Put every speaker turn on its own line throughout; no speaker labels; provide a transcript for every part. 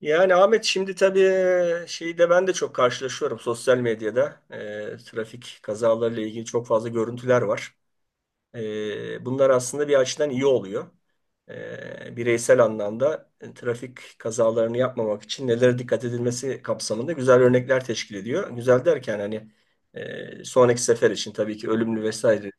Yani Ahmet şimdi tabii ben de çok karşılaşıyorum sosyal medyada. Trafik kazalarıyla ilgili çok fazla görüntüler var. Bunlar aslında bir açıdan iyi oluyor. Bireysel anlamda trafik kazalarını yapmamak için nelere dikkat edilmesi kapsamında güzel örnekler teşkil ediyor. Güzel derken hani sonraki sefer için tabii ki ölümlü vesaire.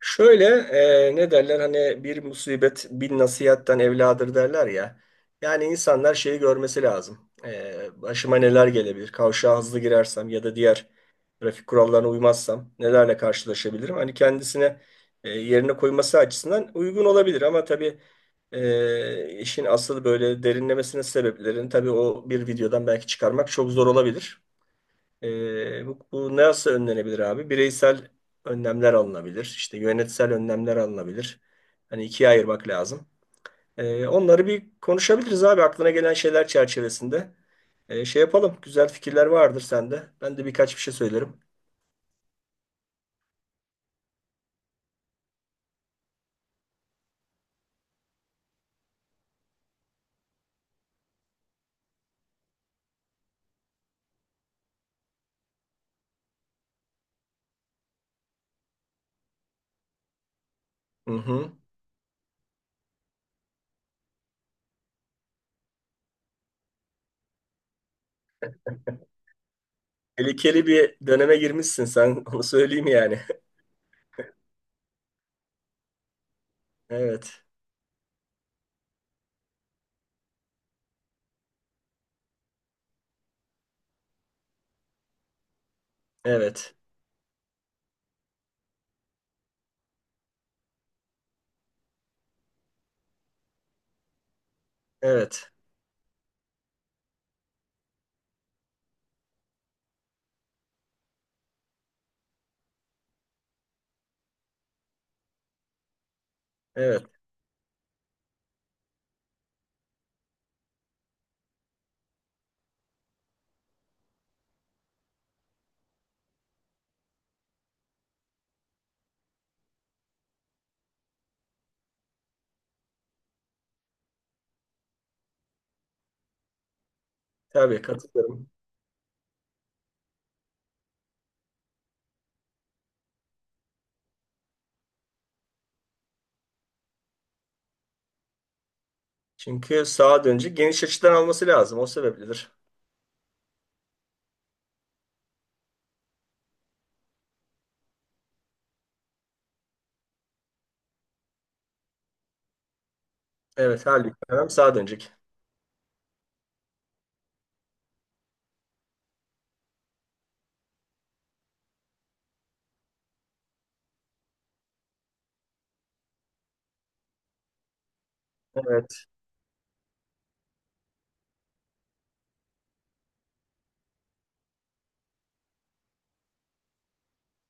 Şöyle ne derler hani, bir musibet bin nasihatten evladır derler ya. Yani insanlar şeyi görmesi lazım. Başıma neler gelebilir? Kavşağa hızlı girersem ya da diğer trafik kurallarına uymazsam nelerle karşılaşabilirim? Hani kendisine yerine koyması açısından uygun olabilir ama tabii işin asıl böyle derinlemesine sebeplerini tabii o bir videodan belki çıkarmak çok zor olabilir. Bu nasıl önlenebilir abi? Bireysel önlemler alınabilir. İşte yönetsel önlemler alınabilir. Hani ikiye ayırmak lazım. Onları bir konuşabiliriz abi, aklına gelen şeyler çerçevesinde. Şey yapalım. Güzel fikirler vardır sende. Ben de birkaç bir şey söylerim. Hı hı. Tehlikeli bir döneme girmişsin sen. Onu söyleyeyim yani. Evet. Evet. Evet. Evet. Tabii katılıyorum. Çünkü sağa dönecek. Geniş açıdan alması lazım. O sebepledir. Evet, halbuki adam sağ dönecek. Evet,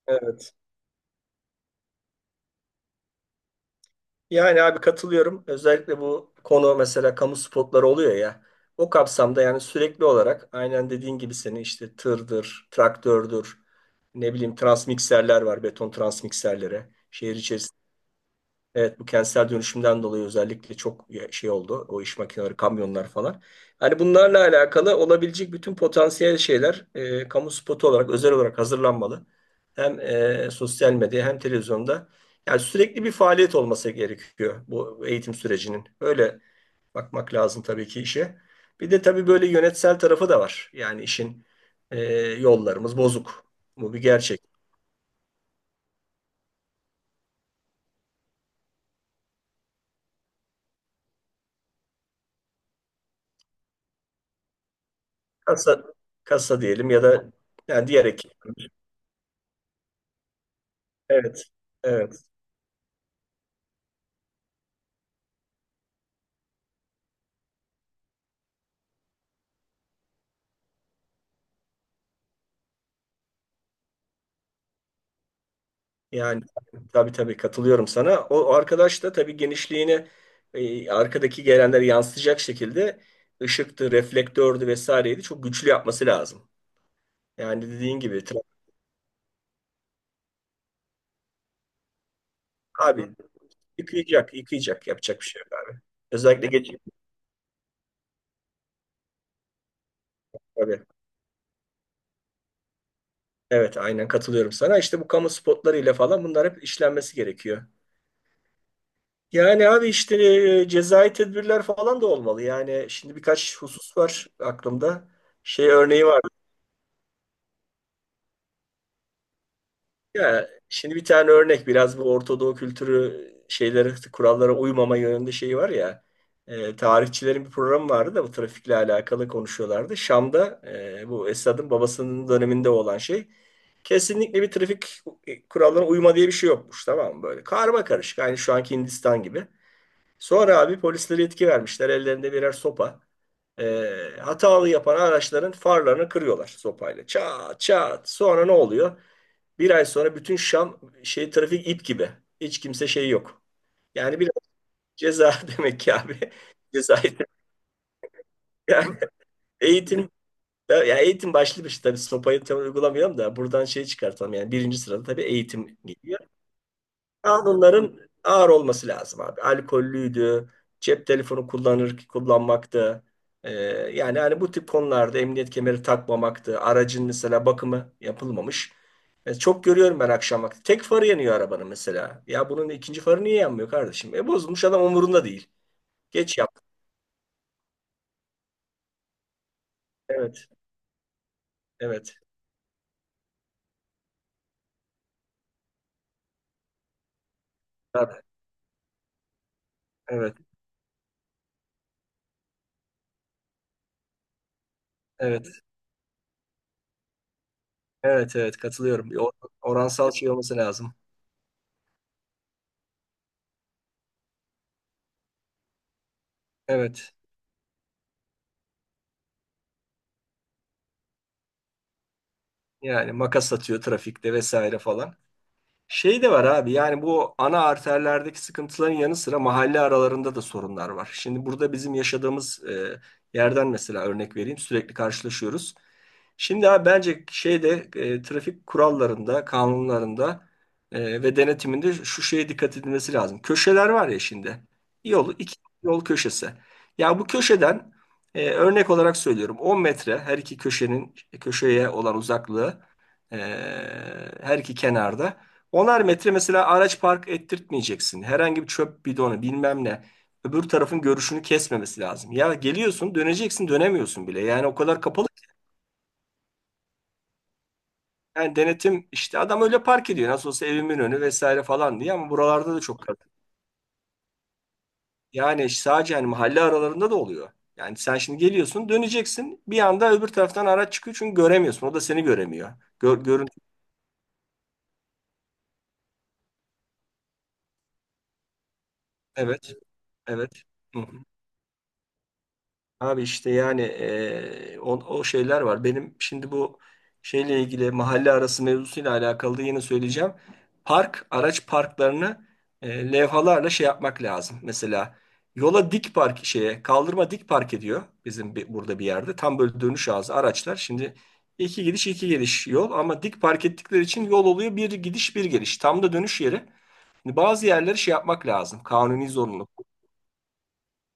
evet. Yani abi katılıyorum. Özellikle bu konu, mesela kamu spotları oluyor ya. O kapsamda yani sürekli olarak, aynen dediğin gibi, senin işte tırdır, traktördür, ne bileyim transmikserler var, beton transmikserleri. Şehir içerisinde evet, bu kentsel dönüşümden dolayı özellikle çok oldu. O iş makineleri, kamyonlar falan. Hani bunlarla alakalı olabilecek bütün potansiyel şeyler kamu spotu olarak, özel olarak hazırlanmalı. Hem sosyal medya hem televizyonda. Yani sürekli bir faaliyet olması gerekiyor bu eğitim sürecinin. Öyle bakmak lazım tabii ki işe. Bir de tabii böyle yönetsel tarafı da var. Yani işin e, yollarımız bozuk. Bu bir gerçek. Kasa, kasa diyelim ya da yani diğer ekip. Evet, evet. Yani tabii tabii katılıyorum sana. O arkadaş da tabii genişliğini arkadaki gelenleri yansıtacak şekilde ışıktı, reflektördü, vesaireydi. Çok güçlü yapması lazım. Yani dediğin gibi tra- Abi, yıkayacak, yapacak bir şey yok abi. Özellikle geç tabii. Evet, aynen katılıyorum sana. İşte bu kamu spotlarıyla falan bunlar hep işlenmesi gerekiyor. Yani abi işte cezai tedbirler falan da olmalı. Yani şimdi birkaç husus var aklımda. Şey örneği var. Ya şimdi bir tane örnek, biraz bu Orta kültürü şeylere, kurallara uymama yönünde şeyi var ya, tarihçilerin bir programı vardı da bu trafikle alakalı konuşuyorlardı. Şam'da bu Esad'ın babasının döneminde olan şey, kesinlikle bir trafik kurallarına uyma diye bir şey yokmuş, tamam mı? Böyle karma karışık, aynı şu anki Hindistan gibi. Sonra abi polislere yetki vermişler, ellerinde birer sopa. Hatalı yapan araçların farlarını kırıyorlar sopayla. Çat çat. Sonra ne oluyor? Bir ay sonra bütün Şam şey, trafik ip gibi. Hiç kimse şey yok. Yani biraz ceza demek ki abi. Ceza yani, eğitim. Ya eğitim başlı bir şey tabii, sopayı tam uygulamayalım da buradan şey çıkartalım, yani birinci sırada tabii eğitim geliyor. Kanunların ağır olması lazım abi. Alkollüydü, cep telefonu kullanır kullanmaktı. Ee, Yani hani bu tip konularda, emniyet kemeri takmamaktı. Aracın mesela bakımı yapılmamış. Çok görüyorum ben akşam vakti. Tek farı yanıyor arabanın mesela. Ya bunun ikinci farı niye yanmıyor kardeşim? E bozulmuş, adam umurunda değil. Geç yaptı. Evet. Evet. Evet. Evet. Evet. Evet. Evet. Katılıyorum. Oransal şey olması lazım. Evet. Yani makas atıyor trafikte vesaire falan. Şey de var abi, yani bu ana arterlerdeki sıkıntıların yanı sıra mahalle aralarında da sorunlar var. Şimdi burada bizim yaşadığımız yerden mesela örnek vereyim, sürekli karşılaşıyoruz. Şimdi abi bence şeyde trafik kurallarında, kanunlarında ve denetiminde şu şeye dikkat edilmesi lazım. Köşeler var ya şimdi. Yolu iki yol köşesi. Ya bu köşeden, örnek olarak söylüyorum, 10 metre her iki köşenin köşeye olan uzaklığı e, her iki kenarda. Onar metre mesela araç park ettirtmeyeceksin. Herhangi bir çöp bidonu bilmem ne. Öbür tarafın görüşünü kesmemesi lazım. Ya geliyorsun, döneceksin, dönemiyorsun bile. Yani o kadar kapalı ki. Yani denetim, işte adam öyle park ediyor. Nasıl olsa evimin önü vesaire falan diye, ama buralarda da çok kalabalık. Yani sadece hani, mahalle aralarında da oluyor. Yani sen şimdi geliyorsun, döneceksin, bir anda öbür taraftan araç çıkıyor çünkü göremiyorsun. O da seni göremiyor. Görüntü evet, evet. Hı. Abi işte yani o şeyler var. Benim şimdi bu şeyle ilgili, mahalle arası mevzusuyla alakalı da yine söyleyeceğim. Araç parklarını levhalarla şey yapmak lazım. Mesela yola dik park şeye, kaldırıma dik park ediyor bizim burada bir yerde. Tam böyle dönüş ağzı araçlar. Şimdi iki gidiş iki geliş yol, ama dik park ettikleri için yol oluyor bir gidiş bir geliş. Tam da dönüş yeri. Şimdi bazı yerleri şey yapmak lazım. Kanuni zorunluluk.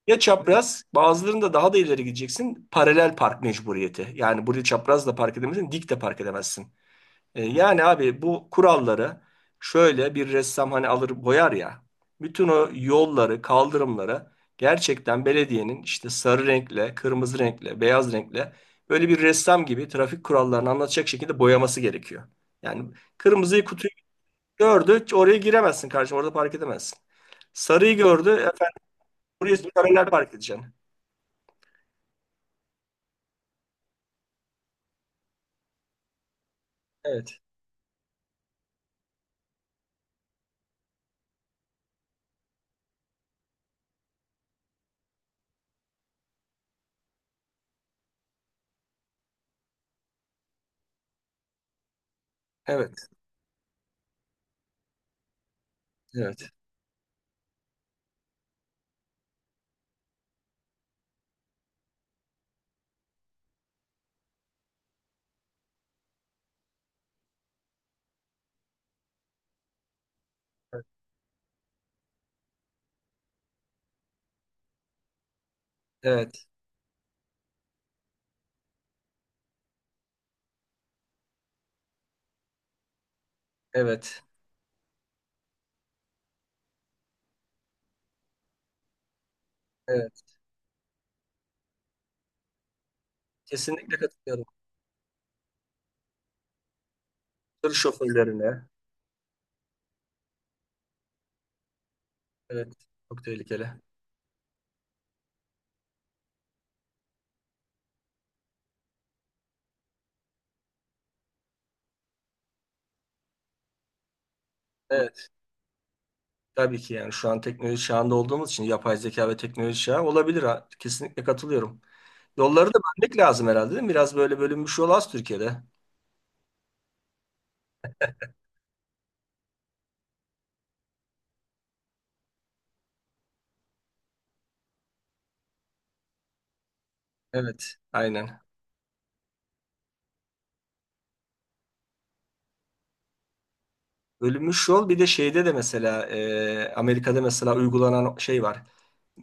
Ya çapraz, bazılarında daha da ileri gideceksin. Paralel park mecburiyeti. Yani burayı çapraz da park edemezsin, dik de park edemezsin. Yani abi bu kuralları, şöyle bir ressam hani alır boyar ya. Bütün o yolları, kaldırımları gerçekten belediyenin, işte sarı renkle, kırmızı renkle, beyaz renkle, böyle bir ressam gibi trafik kurallarını anlatacak şekilde boyaması gerekiyor. Yani kırmızıyı, kutuyu gördü, oraya giremezsin kardeşim, orada park edemezsin. Sarıyı gördü, efendim buraya paralel park edeceksin. Evet. Evet, evet, evet, evet, evet. Kesinlikle katılıyorum. Tır şoförlerine, evet, çok tehlikeli. Evet, tabii ki yani şu an teknoloji çağında olduğumuz için, yapay zeka ve teknoloji çağı olabilir. Ha. Kesinlikle katılıyorum. Yolları da bölmek lazım herhalde, değil mi? Biraz böyle bölünmüş yol az Türkiye'de. Evet, aynen. Bölünmüş yol, bir de şeyde de mesela Amerika'da mesela uygulanan şey var.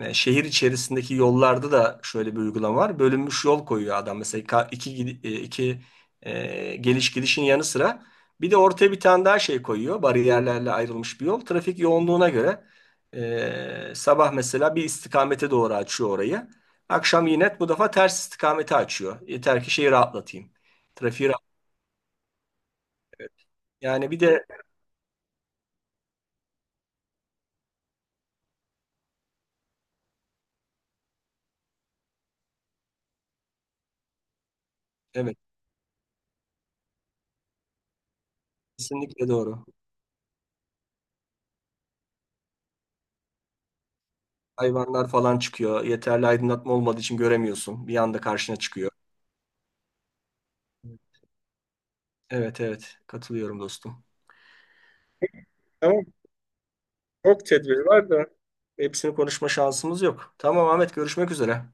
Şehir içerisindeki yollarda da şöyle bir uygulama var. Bölünmüş yol koyuyor adam. Mesela ka- iki, gidi- e, iki geliş gidişin yanı sıra bir de ortaya bir tane daha şey koyuyor. Bariyerlerle ayrılmış bir yol. Trafik yoğunluğuna göre sabah mesela bir istikamete doğru açıyor orayı. Akşam yine bu defa ters istikamete açıyor. Yeter ki şeyi rahatlatayım. Trafiği rahat- Yani bir de evet, kesinlikle doğru. Hayvanlar falan çıkıyor. Yeterli aydınlatma olmadığı için göremiyorsun. Bir anda karşına çıkıyor. Evet, evet, katılıyorum dostum. Tamam. Çok tedbir var da hepsini konuşma şansımız yok. Tamam Ahmet, görüşmek üzere.